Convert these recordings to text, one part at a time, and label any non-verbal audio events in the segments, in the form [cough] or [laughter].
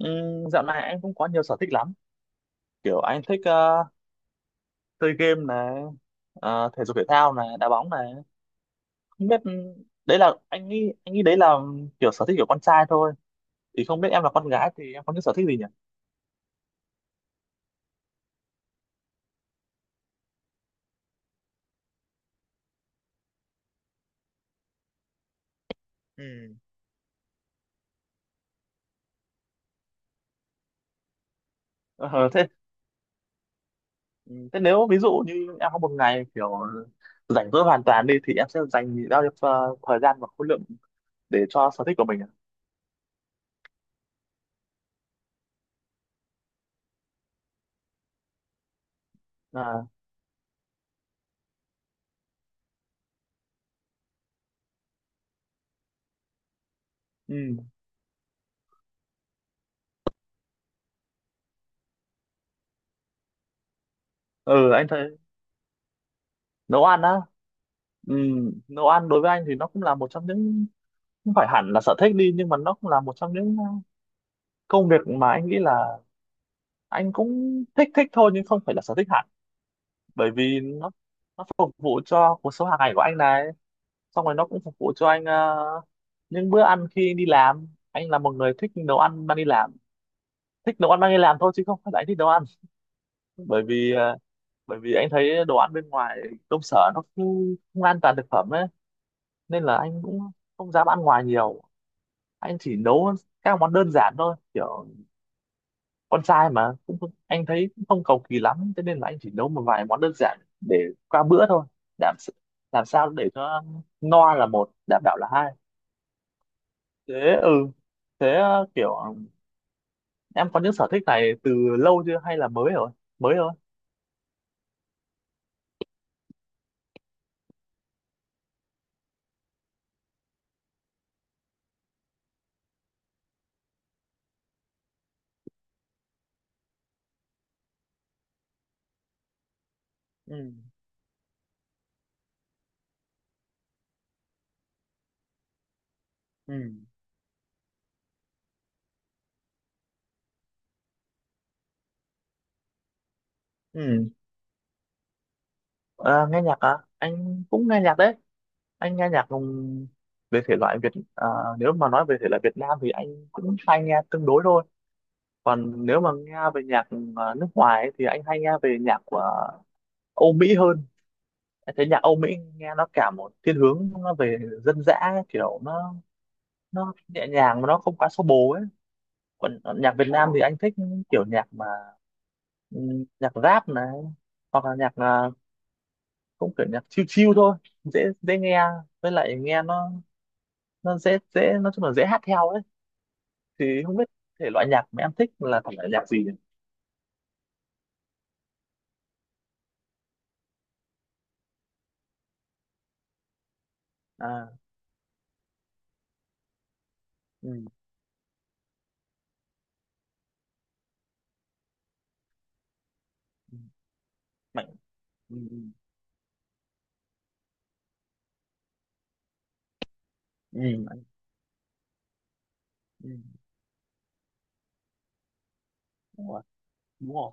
Dạo này anh cũng có nhiều sở thích lắm, kiểu anh thích chơi game này, thể dục thể thao này, đá bóng này. Không biết, đấy là anh nghĩ, đấy là kiểu sở thích của con trai thôi, thì không biết em là con gái thì em có những sở thích gì nhỉ? Ừ. Ờ, thế thế nếu ví dụ như em có một ngày kiểu rảnh rỗi hoàn toàn đi thì em sẽ dành bao nhiêu thời gian và khối lượng để cho sở thích của mình ạ? À. Ừ. Ừ, anh thấy nấu ăn á. Ừ, nấu ăn đối với anh thì nó cũng là một trong những, không phải hẳn là sở thích đi, nhưng mà nó cũng là một trong những công việc mà anh nghĩ là anh cũng thích thích thôi, nhưng không phải là sở thích hẳn. Bởi vì nó phục vụ cho cuộc sống hàng ngày của anh này, xong rồi nó cũng phục vụ cho anh những bữa ăn khi anh đi làm. Anh là một người thích nấu ăn mang đi làm, thích nấu ăn mang đi làm thôi chứ không phải là anh thích nấu ăn, bởi vì uh, bởi vì anh thấy đồ ăn bên ngoài công sở nó không an toàn thực phẩm ấy, nên là anh cũng không dám ăn ngoài nhiều. Anh chỉ nấu các món đơn giản thôi, kiểu con trai mà cũng anh thấy cũng không cầu kỳ lắm, thế nên là anh chỉ nấu một vài món đơn giản để qua bữa thôi. làm s- làm sao để cho no là một, đảm bảo là hai. Thế. Ừ. Thế, kiểu em có những sở thích này từ lâu chưa hay là mới rồi, mới thôi? Ừ. Ừ. Ừ. Ờ, nghe nhạc à? Anh cũng nghe nhạc đấy. Anh nghe nhạc về thể loại Việt. à, Nếu mà nói về thể loại Việt Nam thì anh cũng hay nghe tương đối thôi, còn nếu mà nghe về nhạc nước ngoài ấy, thì anh hay nghe về nhạc của Âu Mỹ hơn. Em thấy nhạc Âu Mỹ nghe nó cả một thiên hướng nó về dân dã ấy, kiểu nó, nhẹ nhàng mà nó không quá xô bồ ấy. Còn nhạc Việt Nam thì anh thích kiểu nhạc mà nhạc rap này, hoặc là nhạc cũng kiểu nhạc chill chill thôi, dễ dễ nghe, với lại nghe nó, dễ dễ, nói chung là dễ hát theo ấy. Thì không biết thể loại nhạc mà em thích là thể loại nhạc gì nhỉ? À. Ừ. Ừ. Mạnh. Ừ. Ừ. Ừ. Ừ. Đúng rồi. Đúng rồi.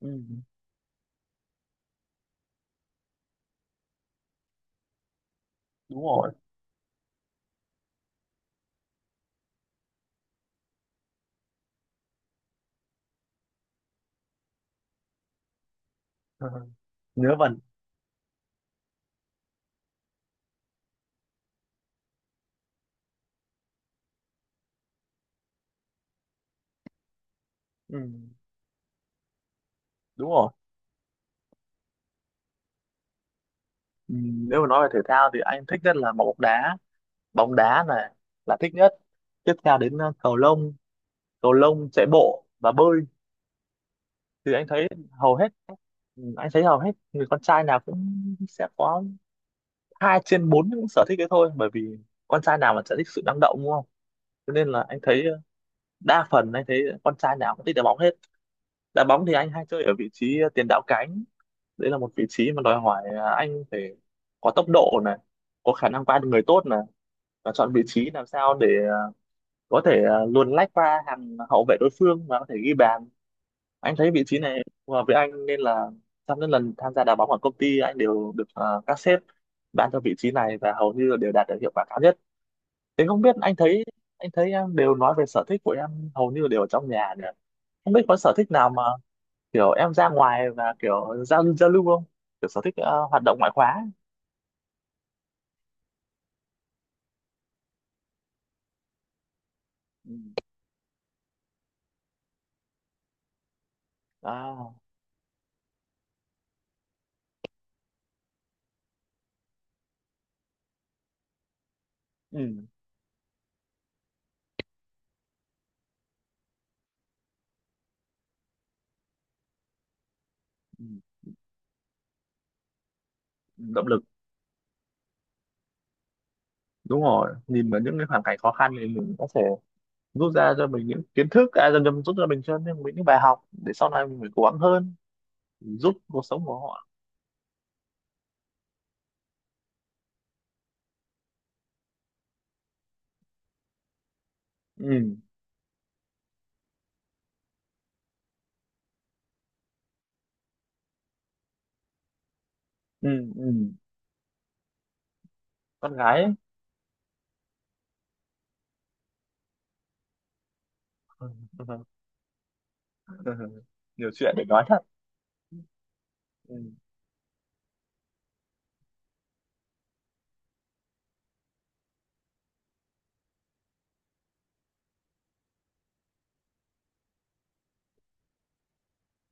Ừ. Đúng rồi. [laughs] Ờ, ngớ vẩn. Ừ. Đúng rồi. Ừ, nếu mà nói về thể thao thì anh thích nhất là bóng đá, bóng đá này là thích nhất, tiếp theo đến cầu lông, cầu lông, chạy bộ và bơi. Thì anh thấy hầu hết người con trai nào cũng sẽ có hai trên bốn những sở thích đấy thôi, bởi vì con trai nào mà sẽ thích sự năng động đúng không? Cho nên là anh thấy đa phần anh thấy con trai nào cũng thích đá bóng hết. Đá bóng thì anh hay chơi ở vị trí tiền đạo cánh. Đấy là một vị trí mà đòi hỏi anh phải có tốc độ này, có khả năng qua được người tốt này, và chọn vị trí làm sao để có thể luồn lách qua hàng hậu vệ đối phương và có thể ghi bàn. Anh thấy vị trí này phù hợp với anh, nên là trong những lần tham gia đá bóng ở công ty anh đều được các sếp ban cho vị trí này và hầu như là đều đạt được hiệu quả cao nhất. Thế không biết, anh thấy, em đều nói về sở thích của em hầu như đều ở trong nhà nhỉ? Không biết có sở thích nào mà kiểu em ra ngoài và kiểu giao giao lưu không? Kiểu sở thích hoạt động ngoại khóa. Ừ. À. Ừ. Ừ. Động lực. Đúng rồi, nhìn vào những cái hoàn cảnh khó khăn thì mình có thể rút ra cho mình những kiến thức, dần dần rút ra mình cho nên mình những bài học để sau này mình phải cố gắng hơn. Giúp cuộc sống của họ. Ừ. Ừ. Ừ. Con gái ấy. [laughs] Nhiều chuyện để nói thật. Ừ.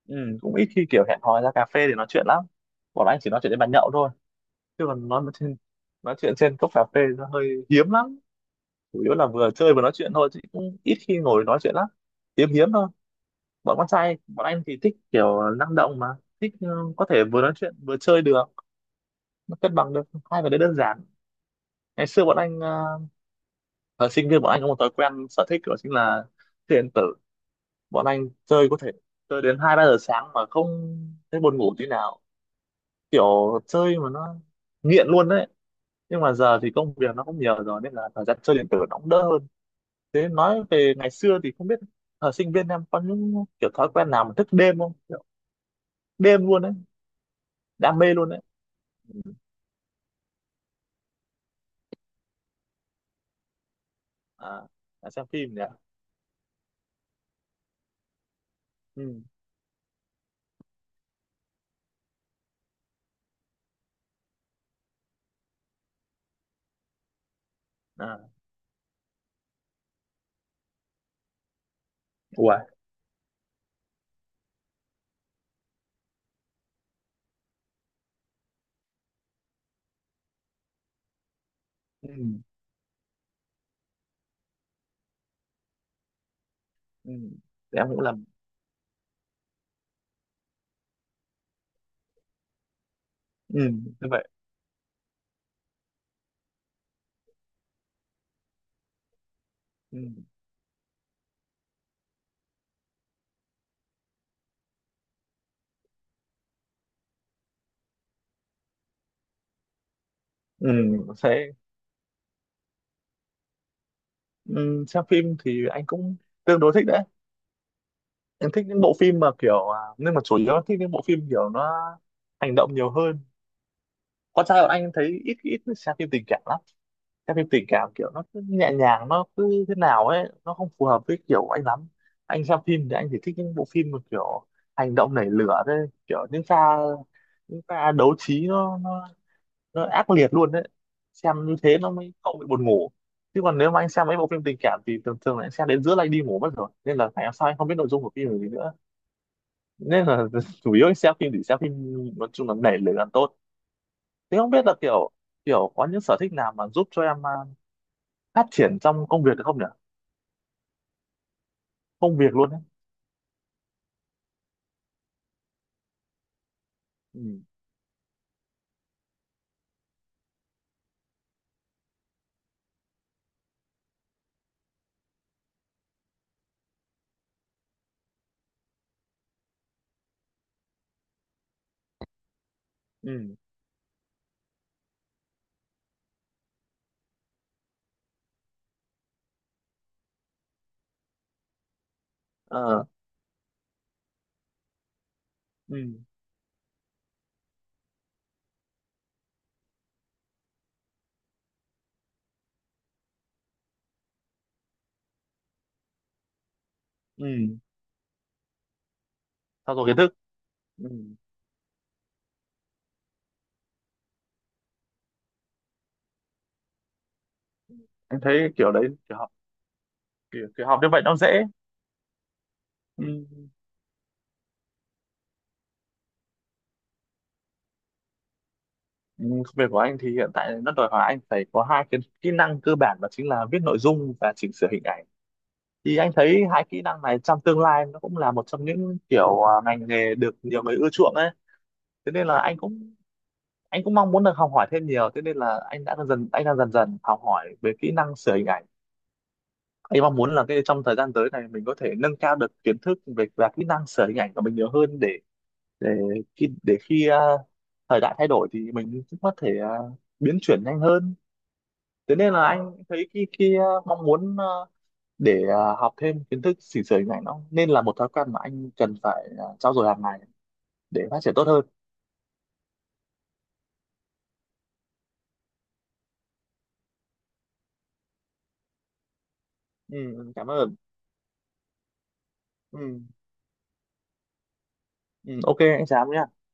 Ừ. Cũng ít khi kiểu hẹn hò ra cà phê để nói chuyện lắm, bọn anh chỉ nói chuyện đến bàn nhậu thôi, chứ còn nói chuyện trên cốc cà phê nó hơi hiếm lắm. Chủ yếu là vừa chơi vừa nói chuyện thôi, chứ cũng ít khi ngồi nói chuyện lắm, hiếm hiếm thôi. Bọn con trai bọn anh thì thích kiểu năng động mà, thích có thể vừa nói chuyện vừa chơi được, nó cân bằng được hai cái đấy đơn giản. Ngày xưa bọn anh thời sinh viên bọn anh có một thói quen sở thích đó chính là chơi điện tử. Bọn anh chơi, có thể chơi đến hai ba giờ sáng mà không thấy buồn ngủ tí nào, kiểu chơi mà nó nghiện luôn đấy. Nhưng mà giờ thì công việc nó cũng nhiều rồi nên là thời gian chơi điện tử nó cũng đỡ hơn. Thế nói về ngày xưa thì không biết thời sinh viên em có những kiểu thói quen nào mà thức đêm không, kiểu đêm luôn đấy, đam mê luôn đấy. À, là xem phim nhỉ. Ừ. À. Ủa. Ừ. Ừ. Thì em cũng làm. Ừ. Như vậy. Ừ. Ừ. Thế. Ừ. Xem phim thì anh cũng tương đối thích đấy. Anh thích những bộ phim mà kiểu nhưng mà chủ yếu là thích những bộ phim kiểu nó hành động nhiều hơn. Con trai bọn anh thấy ít ít xem phim tình cảm lắm. Các phim tình cảm kiểu nó cứ nhẹ nhàng, nó cứ như thế nào ấy, nó không phù hợp với kiểu anh lắm. Anh xem phim thì anh chỉ thích những bộ phim mà kiểu hành động nảy lửa thôi, kiểu những pha, đấu trí nó ác liệt luôn đấy. Xem như thế nó mới không bị buồn ngủ, chứ còn nếu mà anh xem mấy bộ phim tình cảm thì thường thường là anh xem đến giữa là anh đi ngủ mất rồi, nên là ngày hôm sau anh không biết nội dung của phim là gì nữa. Nên là [laughs] chủ yếu anh xem phim thì xem phim, nói chung là nảy lửa là tốt. Thế không biết là kiểu, có những sở thích nào mà giúp cho em phát triển trong công việc được không nhỉ? Công việc luôn đấy. Ừ. Ừ. ờ ừ. Ừ. Trau dồi kiến thức. Ừ. Anh thấy kiểu đấy, kiểu học kiểu học như vậy nó dễ. Ừ. Ừ. Công việc của anh thì hiện tại nó đòi hỏi anh phải có hai cái kỹ năng cơ bản, đó chính là viết nội dung và chỉnh sửa hình ảnh. Thì anh thấy hai kỹ năng này trong tương lai nó cũng là một trong những kiểu ngành nghề được nhiều người ưa chuộng ấy, thế nên là anh cũng mong muốn được học hỏi thêm nhiều. Thế nên là anh đang dần dần học hỏi về kỹ năng sửa hình ảnh. Anh mong muốn là cái trong thời gian tới này mình có thể nâng cao được kiến thức về và kỹ năng sửa hình ảnh của mình nhiều hơn, để để khi thời đại thay đổi thì mình cũng có thể biến chuyển nhanh hơn. Thế nên là anh thấy khi khi à, học thêm kiến thức chỉnh sửa hình ảnh nó nên là một thói quen mà anh cần phải trau dồi hàng ngày để phát triển tốt hơn. Ừ. Ừ. Cảm ơn. Ừ. Ừ. OK anh Trám nhé.